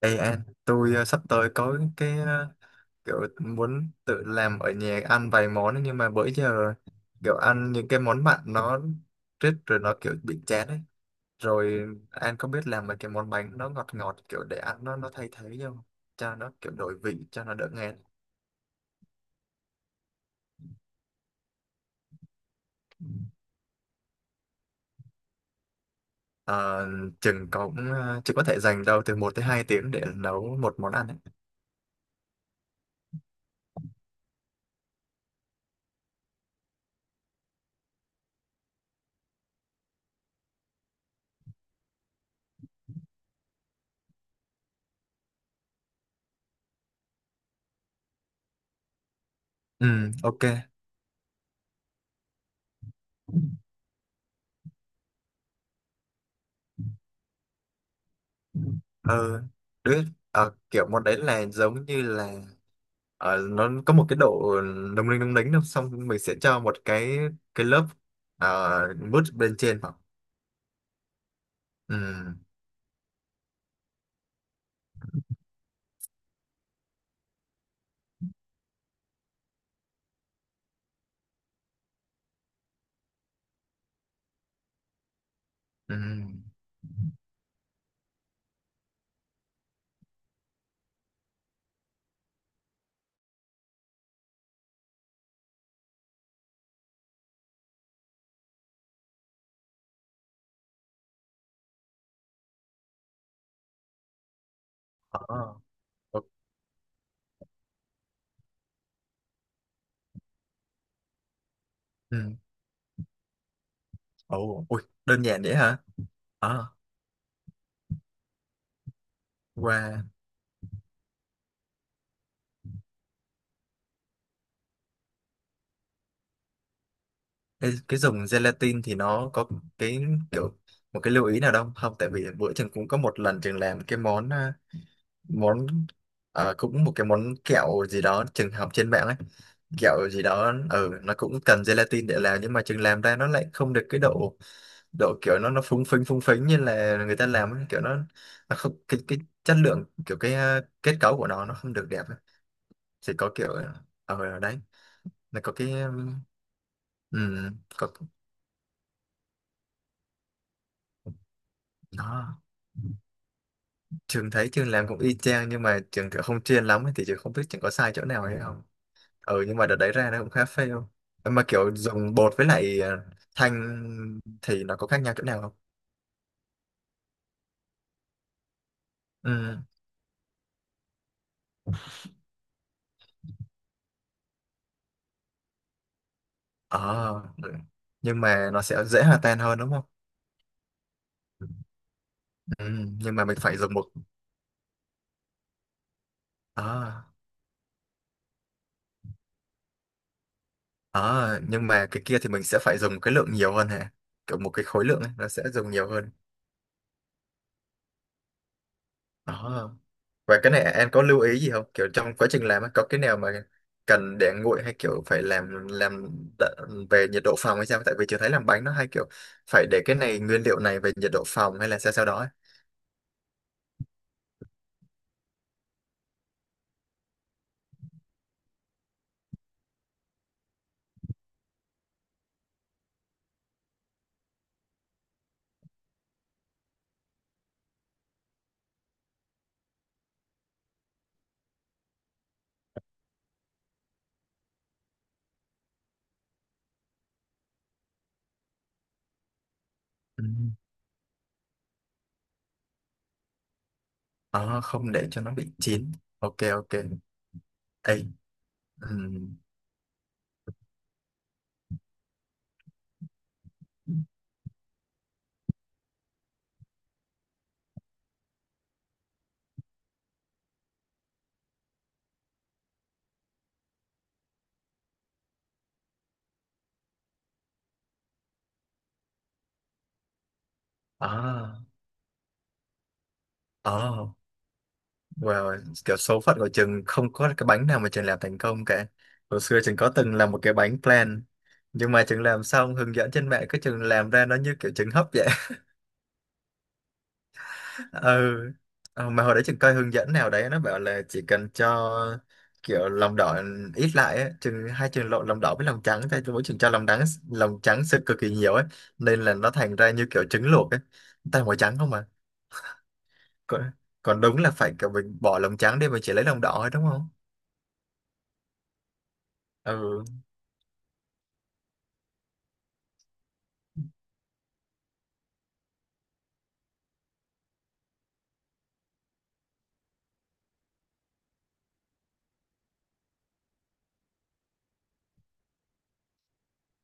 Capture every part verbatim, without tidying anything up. Ê anh, tôi ờ, sắp tới có cái ờ, kiểu muốn tự làm ở nhà ăn vài món ấy, nhưng mà bữa giờ kiểu ăn những cái món mặn nó rít rồi nó kiểu bị chán ấy. Rồi anh có biết làm mấy cái món bánh nó ngọt ngọt kiểu để ăn nó nó thay thế không? Cho nó kiểu đổi vị, cho nó đỡ ngán. Ờ, chừng có cũng ờ, chỉ có thể dành đâu từ một tới hai tiếng để nấu một món ăn ấy. Ừ, ok. Ờ, đứa ờ, Kiểu món đấy là giống như là Ờ, nó có một cái độ lung linh lung lính đâu, xong mình sẽ cho một cái cái lớp uh, mút bên trên vào. Ừ, ừ, ờ, ờ, ừ. Ồ, ui, đơn giản vậy hả? Ờ qua cái, cái dùng gelatin thì nó có cái kiểu một cái lưu ý nào đâu không? Tại vì bữa trường cũng có một lần trường làm cái món à, món ờ, cũng một cái món kẹo gì đó trường học trên mạng ấy, kẹo gì đó, ừ, nó cũng cần gelatin để làm, nhưng mà trường làm ra nó lại không được cái độ, độ kiểu nó nó phúng phính phúng phính như là người ta làm ấy. Kiểu nó, nó không cái cái chất lượng, kiểu cái ờ, kết cấu của nó nó không được đẹp ấy. Thì có kiểu ở đấy là có cái um, có nó trường thấy trường làm cũng y chang, nhưng mà trường kiểu không chuyên lắm ấy, thì trường không biết trường có sai chỗ nào hay không. Ừ, nhưng mà đợt đấy ra nó cũng khá fail. Mà kiểu dùng bột với lại ờ, thanh thì nó có khác nhau chỗ nào không? Ừ, ờ, ừ. Nhưng mà nó sẽ dễ hòa tan hơn đúng không? Ừ, nhưng mà mình phải dùng một. À, à, nhưng mà cái kia thì mình sẽ phải dùng cái lượng nhiều hơn hả? Kiểu một cái khối lượng ấy, nó sẽ dùng nhiều hơn. À. Và cái này em có lưu ý gì không? Kiểu trong quá trình làm ấy, có cái nào mà cần để nguội hay kiểu phải làm làm đ- về nhiệt độ phòng hay sao? Tại vì chưa thấy làm bánh nó hay kiểu phải để cái này, nguyên liệu này về nhiệt độ phòng hay là sao sao đó ấy. Ừ. À, không để cho nó bị chín. Ok, ok. Ê. Ừ. À. À. Wow, kiểu số phận của Trường không có cái bánh nào mà Trường làm thành công cả. Hồi xưa Trường có từng làm một cái bánh plan, nhưng mà Trường làm xong hướng dẫn trên mạng, cái Trường làm ra nó như kiểu trứng hấp vậy. Ừ. Ờ, Mà hồi đấy Trường coi hướng dẫn nào đấy nó bảo là chỉ cần cho kiểu lòng đỏ ít lại ấy. Trường hai trường lộn lòng đỏ với lòng trắng, thôi mỗi trường cho lòng trắng, lòng trắng sự cực kỳ nhiều ấy, nên là nó thành ra như kiểu trứng luộc ấy, toàn màu trắng không mà. Còn, còn đúng là phải kiểu mình bỏ lòng trắng đi, mình chỉ lấy lòng đỏ thôi đúng không? Ừ.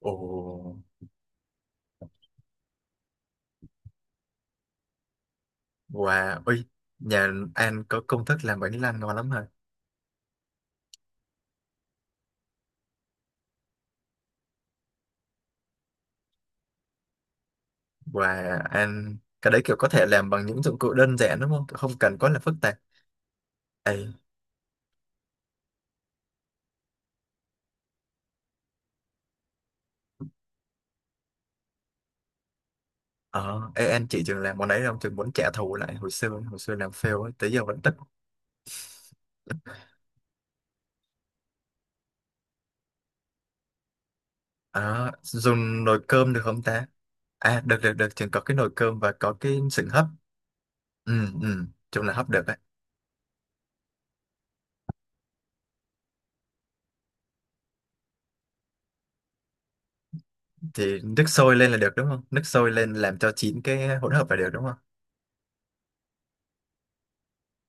Ồ, wow, ui, nhà anh có công thức làm bánh lan ngon lắm hả? Wow, anh, cái đấy kiểu có thể làm bằng những dụng cụ đơn giản đúng không? Không cần quá là phức tạp. Ê, ờ, ê, anh chị trường làm món đấy không? Trường muốn trả thù lại hồi xưa, hồi xưa làm fail ấy, tới giờ vẫn tức. Ờ, dùng nồi cơm được không ta? À, được, được, được, trường có cái nồi cơm và có cái sừng hấp. Ừ, ừ, chung là hấp được đấy. Thì nước sôi lên là được đúng không? Nước sôi lên làm cho chín cái hỗn hợp là được đúng không?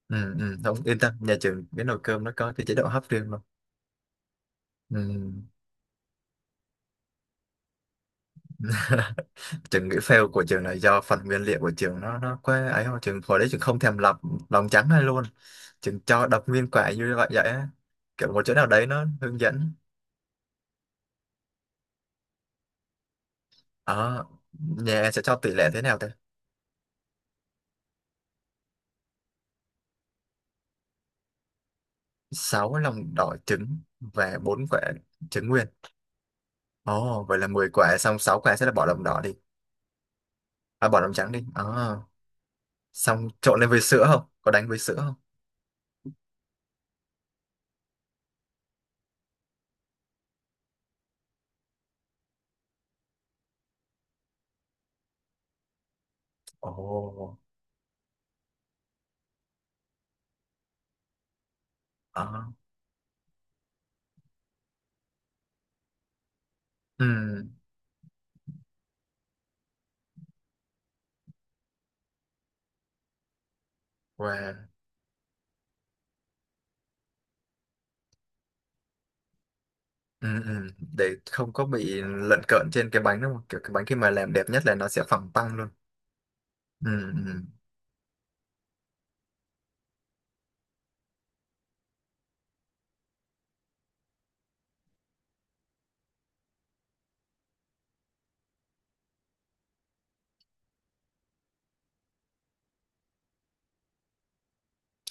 Ừ, ừ. Không yên tâm, nhà trường cái nồi cơm nó có cái chế độ hấp riêng luôn. Ừ. Trường nghĩ fail của trường là do phần nguyên liệu của trường nó nó quá ấy không, trường hồi đấy trường không thèm lọc lòng trắng hay luôn, trường cho đập nguyên quả như vậy vậy á. Kiểu một chỗ nào đấy nó hướng dẫn. ờ Nhà em sẽ cho tỷ lệ thế nào thế? Sáu lòng đỏ trứng và bốn quả trứng nguyên. Ồ, vậy là mười quả, xong sáu quả sẽ là bỏ lòng đỏ đi. À, bỏ lòng trắng đi. ờ Xong trộn lên với sữa, không có đánh với sữa không? Ồ. Ờ. Ừ. Wow. Ừ, ừ. Để không có bị lận cợn trên cái bánh đúng không, kiểu cái bánh khi mà làm đẹp nhất là nó sẽ phẳng tăng luôn. Ừ, ừ.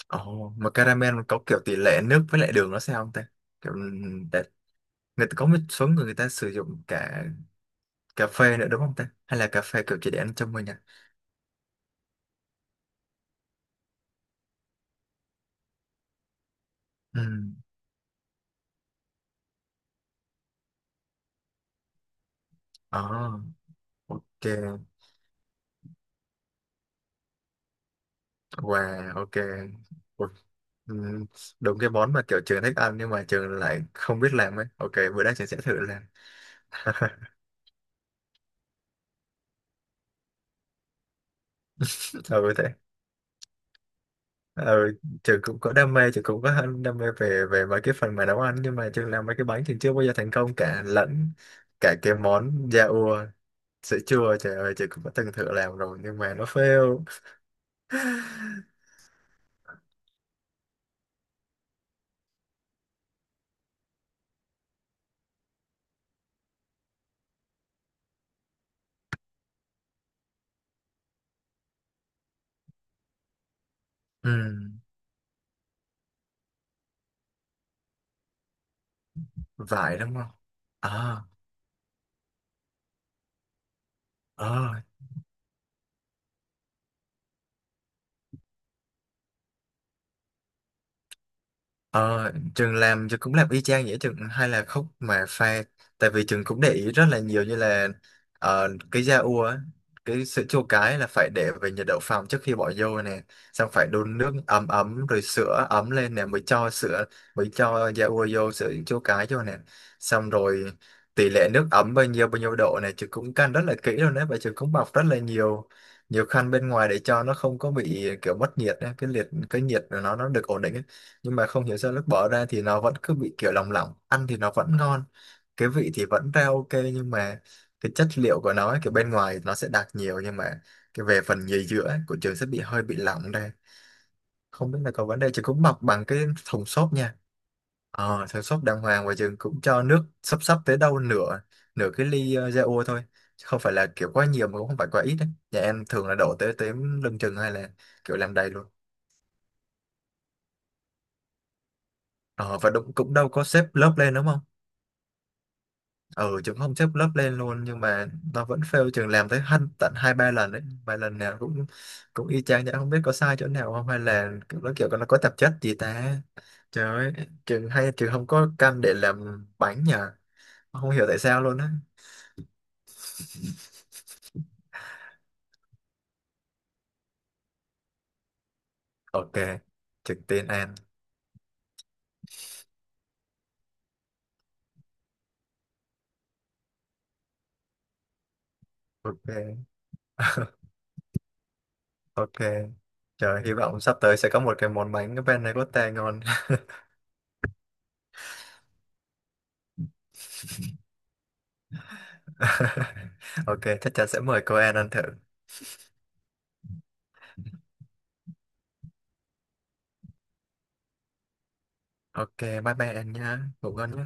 Ồ, mà caramel có kiểu tỷ lệ nước với lại đường nó sao không ta? Kiểu, ừ, để, người ta có một số người người ta sử dụng cả cà phê nữa đúng không ta, hay là cà phê kiểu chỉ để ăn trong mình à? Ừ. Ồ. Ok. Wow, ok. Ủa, ừ, đúng cái món mà kiểu trường thích ăn nhưng mà trường lại không biết làm ấy. Ok, bữa nay trường sẽ thử làm. Ừ thế. Ừ, trường cũng có đam mê, trường cũng có hơn đam mê về về mấy cái phần mà nấu ăn, nhưng mà trường làm mấy cái bánh trường chưa bao giờ thành công cả, lẫn cả cái món da ua, sữa chua, trời ơi trường cũng đã từng thử làm rồi nhưng mà nó fail. Ừ, vải đúng không? À, ờ. Ờ, Trường làm, Trường cũng làm y chang vậy, Trường hay là khúc mà pha, tại vì Trường cũng để ý rất là nhiều như là ờ, cái da ua á, cái sữa chua cái là phải để về nhiệt độ phòng trước khi bỏ vô nè, xong phải đun nước ấm ấm rồi sữa ấm lên nè, mới cho sữa, mới cho da ua vô sữa chua cái vô nè, xong rồi tỷ lệ nước ấm bao nhiêu bao nhiêu độ này Trường cũng căn rất là kỹ luôn đấy, và Trường cũng bọc rất là nhiều, nhiều khăn bên ngoài để cho nó không có bị kiểu mất nhiệt á, cái liệt cái nhiệt của nó nó được ổn định á, nhưng mà không hiểu sao lúc bỏ ra thì nó vẫn cứ bị kiểu lòng lỏng, ăn thì nó vẫn ngon, cái vị thì vẫn ra ok, nhưng mà cái chất liệu của nó ấy, kiểu bên ngoài nó sẽ đặc nhiều, nhưng mà cái về phần nhì giữa ấy, của trường sẽ bị hơi bị lỏng đây. Không biết là có vấn đề, trường cũng bọc bằng cái thùng xốp nha, ờ thùng xốp đàng hoàng, và trường cũng cho nước sắp sắp tới đâu nửa nửa cái ly uh, ra thôi. Chứ không phải là kiểu quá nhiều mà cũng không phải quá ít đấy, nhà em thường là đổ tới tới lưng chừng hay là kiểu làm đầy luôn. Ờ và đúng, cũng đâu có xếp lớp lên đúng không? Ừ, chúng không xếp lớp lên luôn, nhưng mà nó vẫn fail, trường làm tới hân tận hai ba lần đấy, và lần nào cũng cũng y chang vậy, không biết có sai chỗ nào không, hay là kiểu nó, kiểu nó có tạp chất gì ta. Trời ơi, trường hay, trường không có căn để làm bánh nhờ, không hiểu tại sao luôn á. Ok. Trực tiên an. Ok. Ok. Trời, hy vọng sắp tới sẽ có một cái món bánh bên này có tè ngon. Ok, chắc chắn sẽ mời cô An ăn thử. Ok. Bye bye An nha, ngủ ngon nhé.